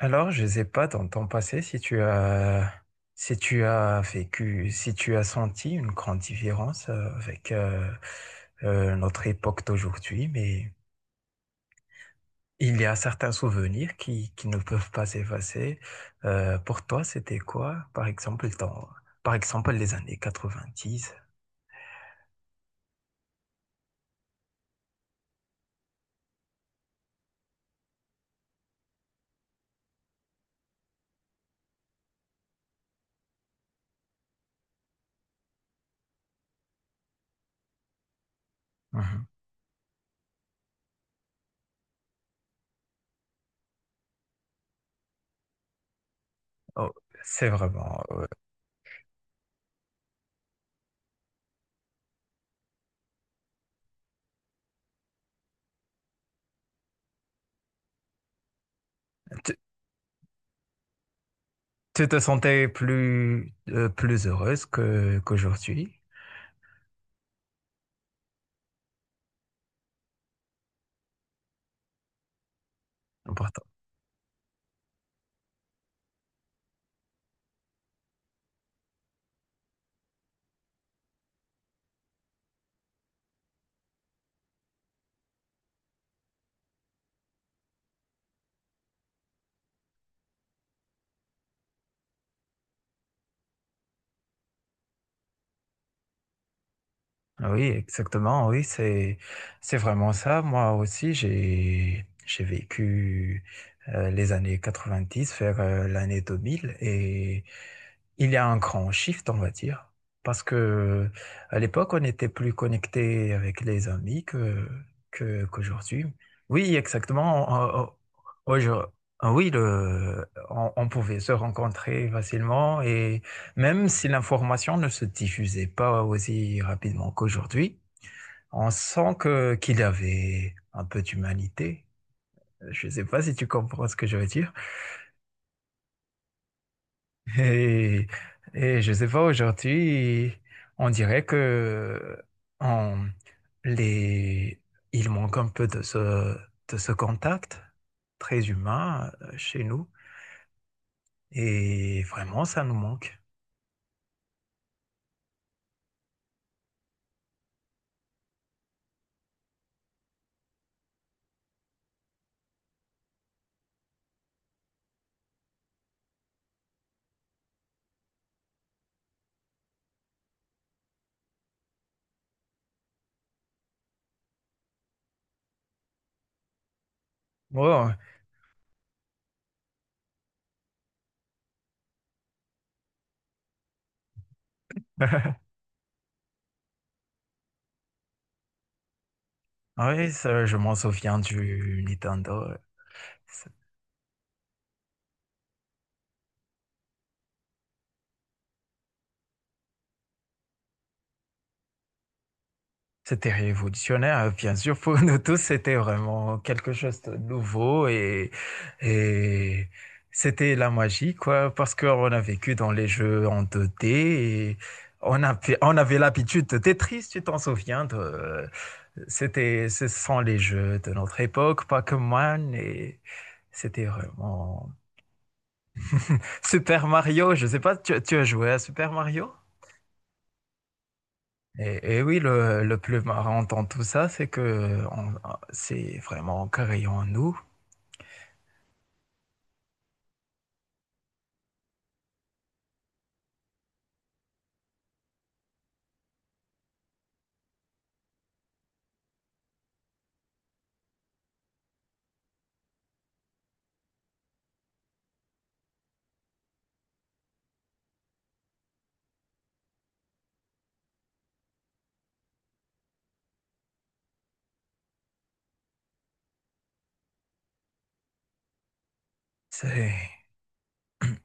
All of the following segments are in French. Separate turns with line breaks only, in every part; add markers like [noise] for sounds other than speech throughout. Alors, je sais pas, dans ton passé, si tu as vécu, si tu as senti une grande différence avec notre époque d'aujourd'hui, mais il y a certains souvenirs qui ne peuvent pas s'effacer. Pour toi, c'était quoi, par exemple, par exemple, les années 90. Mhm. Oh, c'est vraiment. Tu, tu te sentais plus, plus heureuse qu'aujourd'hui? Ah oui, exactement. Oui, c'est vraiment ça. Moi aussi, j'ai vécu les années 90 vers l'année 2000 et il y a un grand shift, on va dire, parce que à l'époque, on était plus connecté avec les amis que qu'aujourd'hui. Oui, exactement. Aujourd- oui, on pouvait se rencontrer facilement même si l'information ne se diffusait pas aussi rapidement qu'aujourd'hui, on sent que qu'il avait un peu d'humanité. Je ne sais pas si tu comprends ce que je veux dire. Et, et je ne sais pas, aujourd'hui, on dirait que on, les, il manque un peu de ce contact très humain chez nous. Et vraiment, ça nous manque. Bon, oui, ça, je m'en souviens du Nintendo. Ça, C'était révolutionnaire, hein, bien sûr, pour nous tous, c'était vraiment quelque chose de nouveau et c'était la magie, quoi, parce qu'on a vécu dans les jeux en 2D et on avait l'habitude de Tetris, tu t'en souviens de, c'était, ce sont les jeux de notre époque, Pac-Man et c'était vraiment Super Mario, je sais pas, tu as joué à Super Mario? Et oui, le plus marrant dans tout ça, c'est que ah, c'est vraiment créé en créant nous. C'est,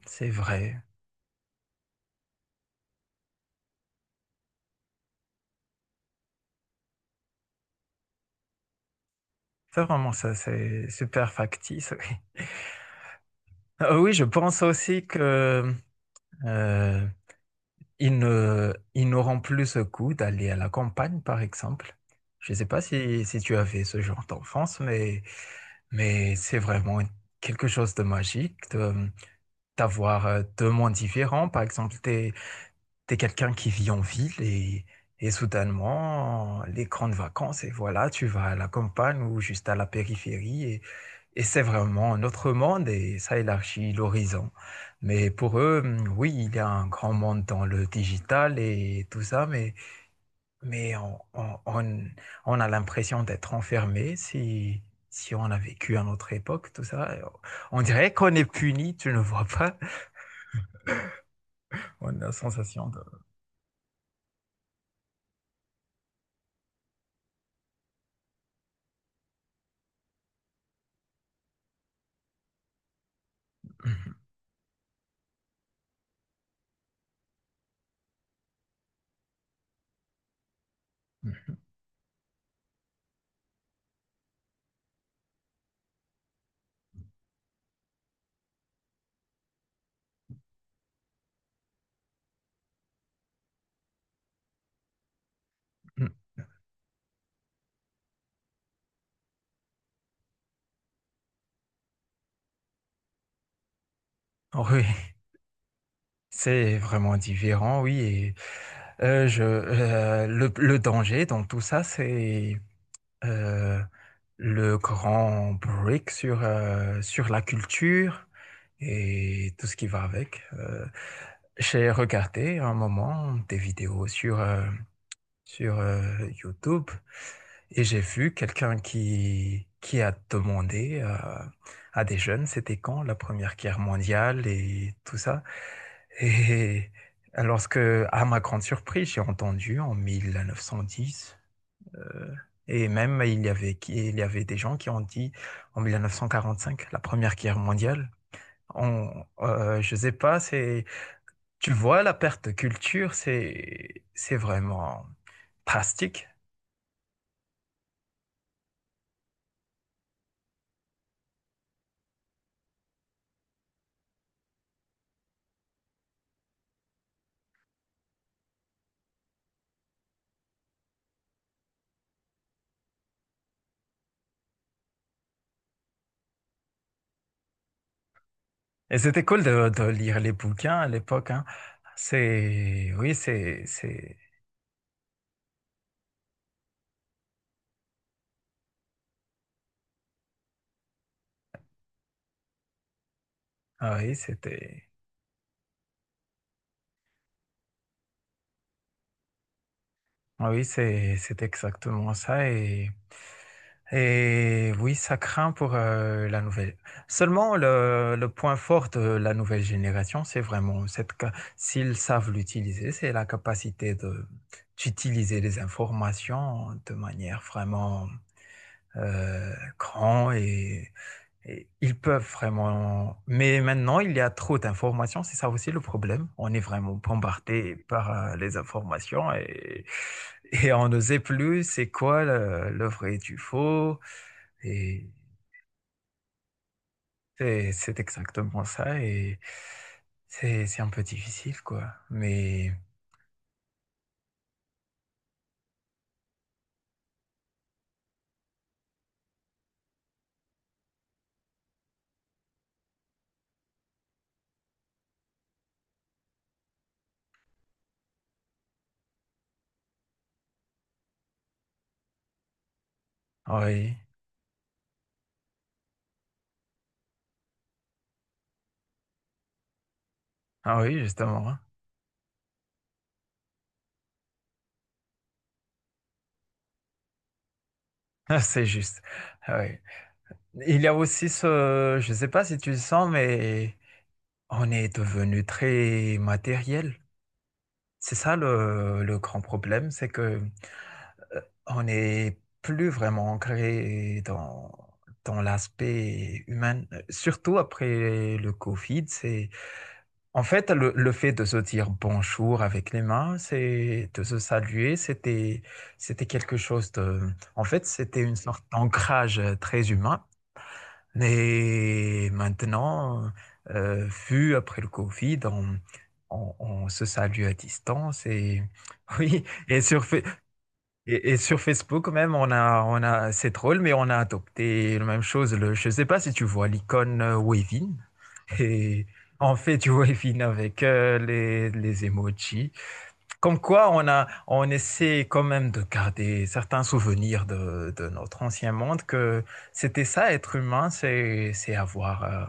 c'est vrai. C'est vraiment ça, c'est super factice. Oui, ah oui, je pense aussi que euh, ils ne, ils n'auront plus ce coup d'aller à la campagne, par exemple. Je ne sais pas si tu avais ce genre d'enfance, mais, c'est vraiment quelque chose de magique d'avoir deux mondes différents. Par exemple, t'es quelqu'un qui vit en ville et soudainement, les grandes vacances, et voilà, tu vas à la campagne ou juste à la périphérie, et c'est vraiment un autre monde et ça élargit l'horizon. Mais pour eux, oui, il y a un grand monde dans le digital et tout ça, mais on a l'impression d'être enfermé si on a vécu à notre époque, tout ça. On dirait qu'on est puni, tu ne vois pas? On a la sensation de. [laughs] Oui. C'est vraiment différent, oui. Et le danger dans tout ça, c'est euh, le grand break sur la culture et tout ce qui va avec. J'ai regardé un moment des vidéos sur YouTube et j'ai vu quelqu'un qui a demandé à des jeunes, c'était quand la Première Guerre mondiale et tout ça. Et lorsque, à ma grande surprise, j'ai entendu en 1910, euh, et même il y avait des gens qui ont dit en 1945, la Première Guerre mondiale. Je sais pas, c'est, tu vois, la perte de culture, c'est vraiment drastique. Et c'était cool de lire les bouquins à l'époque, hein. C'est, oui, ah oui, c'était. Ah oui, c'est exactement ça. Et oui, ça craint pour la nouvelle. Seulement, le point fort de la nouvelle génération, c'est vraiment s'ils savent l'utiliser, c'est la capacité d'utiliser les informations de manière vraiment euh, grande et ils peuvent vraiment. Mais maintenant, il y a trop d'informations. C'est ça aussi le problème. On est vraiment bombardé par les informations et on ne sait plus c'est quoi le vrai et du faux. Et c'est exactement ça. Et c'est un peu difficile, quoi. Mais ah oui, ah oui, justement. [laughs] C'est juste. Ah oui. Il y a aussi ce. Je ne sais pas si tu le sens, mais on est devenu très matériel. C'est ça le grand problème, c'est que euh, on n'est plus vraiment ancré dans l'aspect humain, surtout après le Covid. C'est en fait le fait de se dire bonjour avec les mains, c'est de se saluer, c'était quelque chose en fait, c'était une sorte d'ancrage très humain. Et maintenant, vu après le Covid, on se salue à distance et [laughs] oui, et sur Facebook même, on a, c'est drôle, mais on a adopté la même chose. Je ne sais pas si tu vois l'icône Wavin et on fait du [laughs] Wavin avec les emojis. Comme quoi, on essaie quand même de garder certains souvenirs de notre ancien monde, que c'était ça, être humain, c'est avoir euh,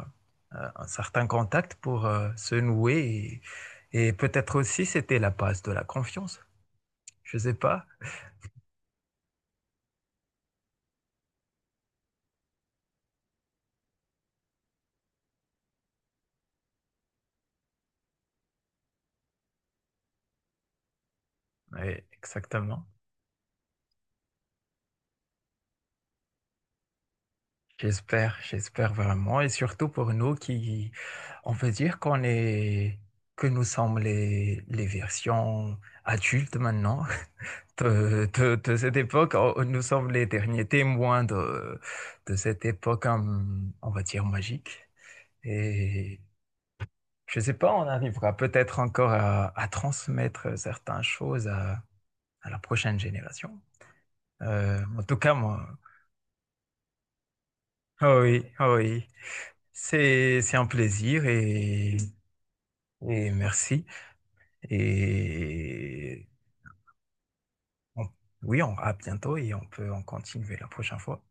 euh, un certain contact pour se nouer. Et peut-être aussi, c'était la base de la confiance. Je sais pas. Oui, exactement. J'espère vraiment. Et surtout pour nous qui, on peut dire que nous sommes les versions adultes maintenant. De cette époque, nous sommes les derniers témoins de cette époque, on va dire, magique. Et je ne sais pas, on arrivera peut-être encore à transmettre certaines choses à la prochaine génération. En tout cas, oh oui, oh oui, c'est un plaisir et merci. Et on- oui, à bientôt et on peut en continuer la prochaine fois.